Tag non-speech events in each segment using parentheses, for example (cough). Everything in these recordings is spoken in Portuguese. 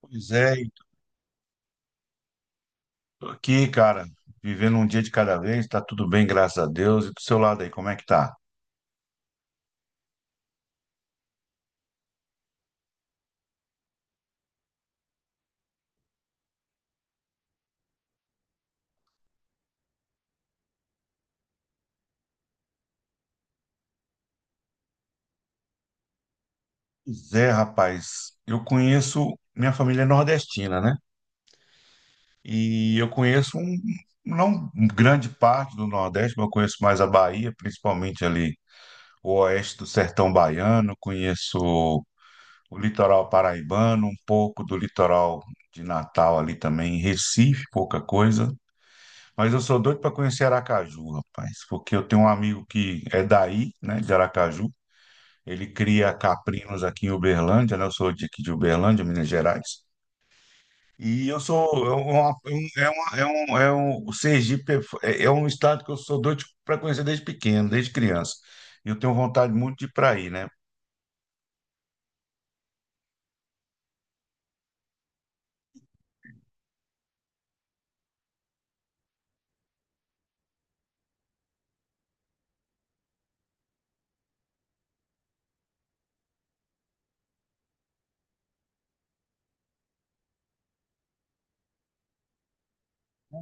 Pois é, e tô aqui, cara, vivendo um dia de cada vez, tá tudo bem, graças a Deus. E do seu lado aí, como é que tá? Pois é, rapaz, eu conheço, minha família é nordestina, né? E eu conheço um, não um grande parte do Nordeste, mas eu conheço mais a Bahia, principalmente ali o oeste do sertão baiano, conheço o litoral paraibano, um pouco do litoral de Natal ali também, Recife, pouca coisa. Mas eu sou doido para conhecer Aracaju, rapaz, porque eu tenho um amigo que é daí, né, de Aracaju. Ele cria caprinos aqui em Uberlândia, né? Eu sou de aqui de Uberlândia, Minas Gerais. E eu sou eu- é uma- é um- é, uma, é um o Sergipe é, é é um estado que eu sou doido para conhecer desde pequeno, desde criança. Eu tenho vontade muito de ir para aí, né?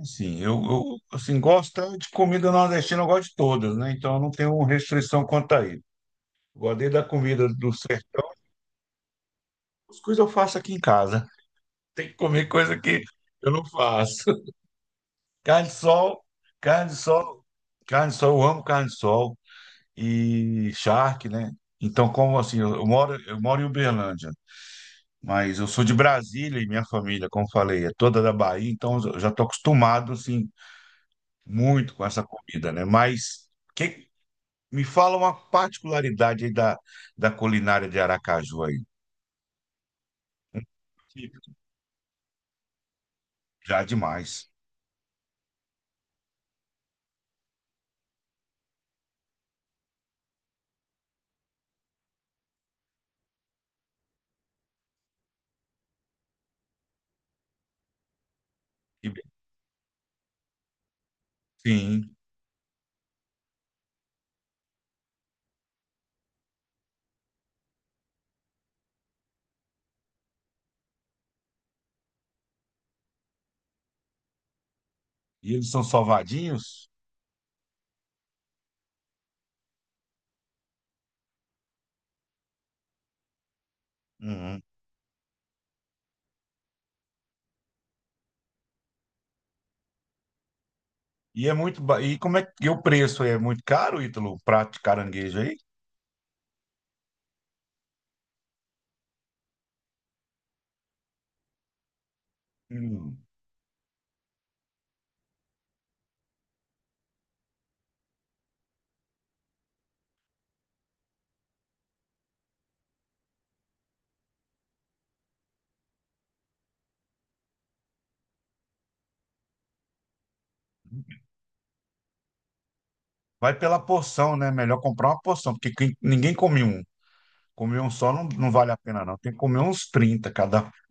Assim, eu assim gosto tanto de comida nordestina, eu gosto de todas, né? Então eu não tenho restrição quanto a isso. Gosto desde da comida do sertão, as coisas eu faço aqui em casa. Tem que comer coisa que eu não faço. (laughs) Carne de sol, carne de sol, carne de sol, eu amo carne de sol e charque, né? Então, como assim, eu moro em Uberlândia, mas eu sou de Brasília e minha família, como falei, é toda da Bahia, então eu já tô acostumado, assim, muito com essa comida, né? Mas que, me fala uma particularidade aí da, da culinária de Aracaju aí. Um típico, já demais. E, sim, e eles são salvadinhos? Uhum. E é muito. E como é que e o preço é muito caro, Ítalo, o prato de caranguejo aí? Hum, Vai pela porção, né? Melhor comprar uma porção, porque quem- ninguém come um. Comer um só não, não vale a pena, não. Tem que comer uns trinta cada. Um.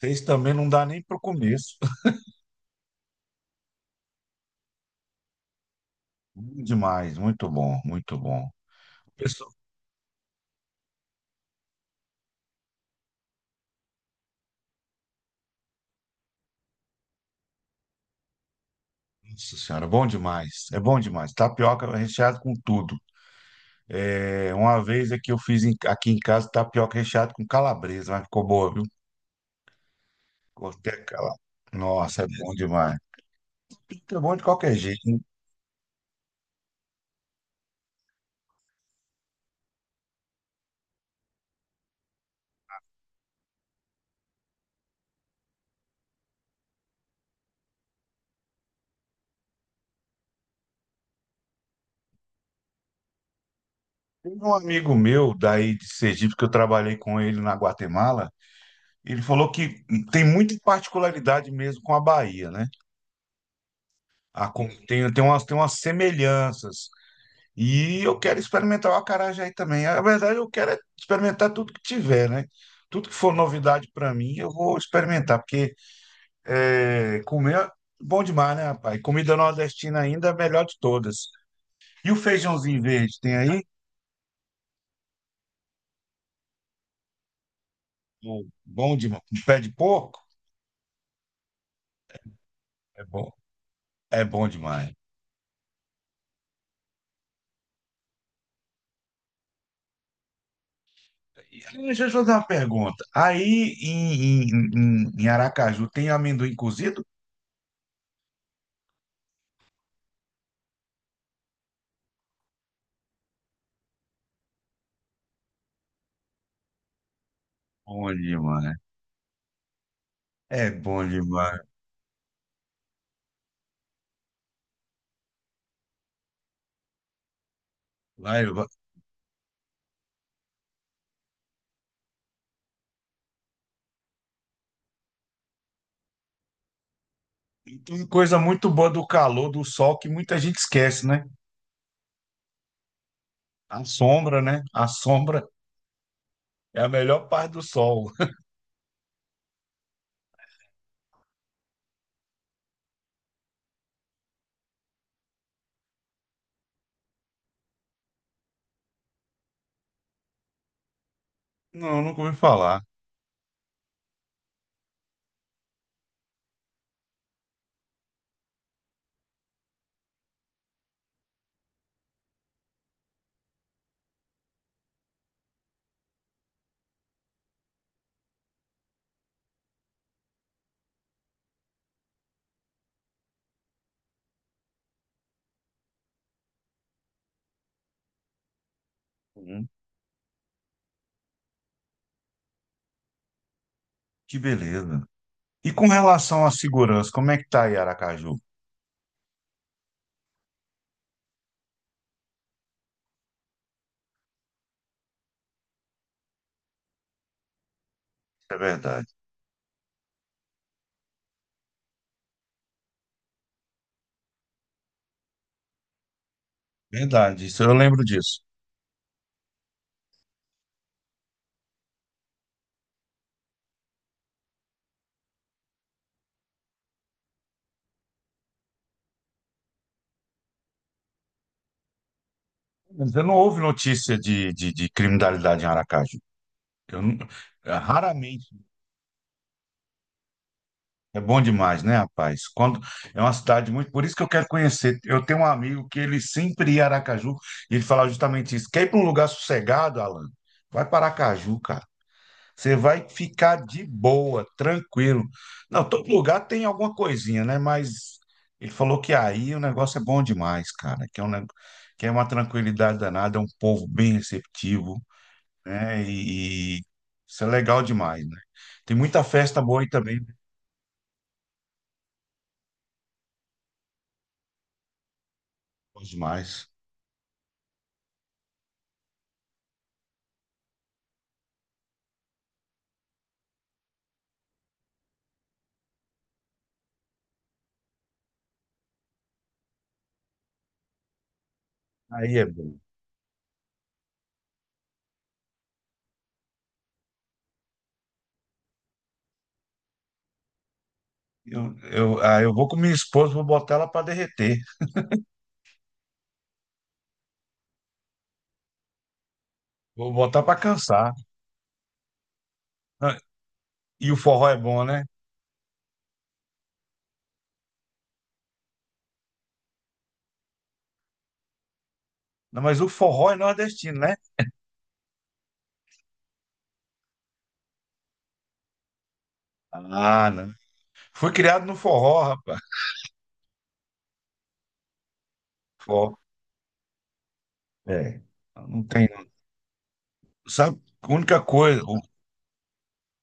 Seis também não dá nem para o começo. (laughs) Bom demais, muito bom, muito bom. Pessoal, nossa senhora, bom demais. É bom demais. Tapioca recheado com tudo. É, uma vez é que eu fiz em- aqui em casa tapioca recheado com calabresa, mas ficou boa, viu? Cortei aquela. Nossa, é bom demais. Fica bom de qualquer jeito. Né? Tem um amigo meu daí de Sergipe que eu trabalhei com ele na Guatemala. Ele falou que tem muita particularidade mesmo com a Bahia, né? A, com- tem, tem umas semelhanças. E eu quero experimentar o acarajé aí também. Na verdade, eu quero é experimentar tudo que tiver, né? Tudo que for novidade para mim, eu vou experimentar, porque é, comer é bom demais, né, rapaz? Comida nordestina ainda é a melhor de todas. E o feijãozinho verde, tem aí? Bom, bom demais. Com pé de porco? É bom. É bom demais. E, aí, deixa eu te fazer uma pergunta. Aí em Aracaju tem amendoim cozido? Bom demais. É bom demais. Lá eu... vou- E tem uma coisa muito boa do calor, do sol, que muita gente esquece, né? A sombra, né? A sombra é a melhor parte do sol. (laughs) Não, nunca ouvi falar. Uhum. Que beleza. E com relação à segurança, como é que tá aí Aracaju? É verdade. Verdade, isso eu lembro disso. Mas eu não houve notícia de criminalidade em Aracaju. Eu não- é, raramente. É bom demais, né, rapaz? Quando é uma cidade muito. Por isso que eu quero conhecer. Eu tenho um amigo que ele sempre ia a Aracaju e ele falava justamente isso. Quer ir para um lugar sossegado, Alan? Vai para Aracaju, cara. Você vai ficar de boa, tranquilo. Não, todo lugar tem alguma coisinha, né? Mas ele falou que aí o negócio é bom demais, cara. Que é, um, neg- que é uma tranquilidade danada, é um povo bem receptivo. Né? E isso é legal demais, né? Tem muita festa boa aí também, né? Bom demais. Aí é bom. Eu vou com minha esposa, vou botar ela para derreter. Vou botar para cansar. Ah, e o forró é bom, né? Não, mas o forró é nordestino, né? Ah, não. Fui criado no forró, rapaz. Forró. É. Não tem. Não. Sabe, a única coisa. O-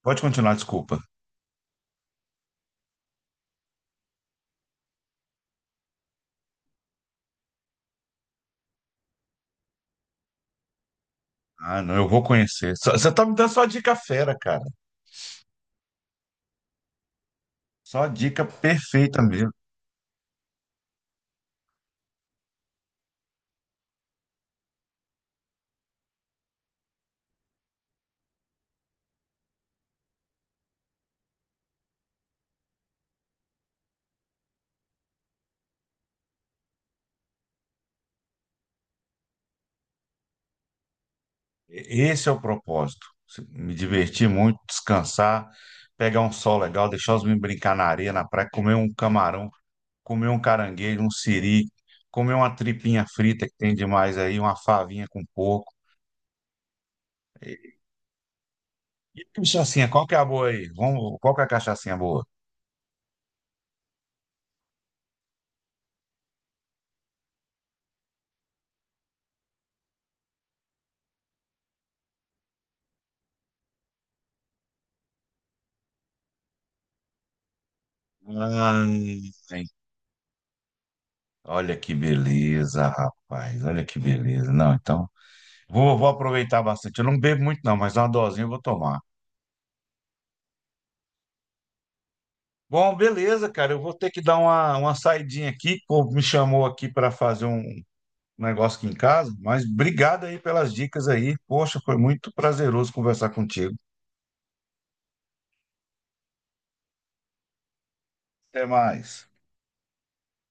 Pode continuar, desculpa. Ah, não, eu vou conhecer. Só- Você tá me dando só dica fera, cara. Só dica perfeita mesmo. Esse é o propósito. Me divertir muito, descansar, pegar um sol legal, deixar os meninos brincar na areia, na praia, comer um camarão, comer um caranguejo, um siri, comer uma tripinha frita que tem demais aí, uma favinha com porco. E, e cachaçinha, qual que é a boa aí? Vamos, qual que é a cachaçinha boa? Ai, olha que beleza, rapaz. Olha que beleza. Não, então, vou aproveitar bastante. Eu não bebo muito, não, mas uma dosinha eu vou tomar. Bom, beleza, cara. Eu vou ter que dar uma saidinha aqui. O povo me chamou aqui para fazer um negócio aqui em casa, mas obrigado aí pelas dicas aí. Poxa, foi muito prazeroso conversar contigo. Até mais.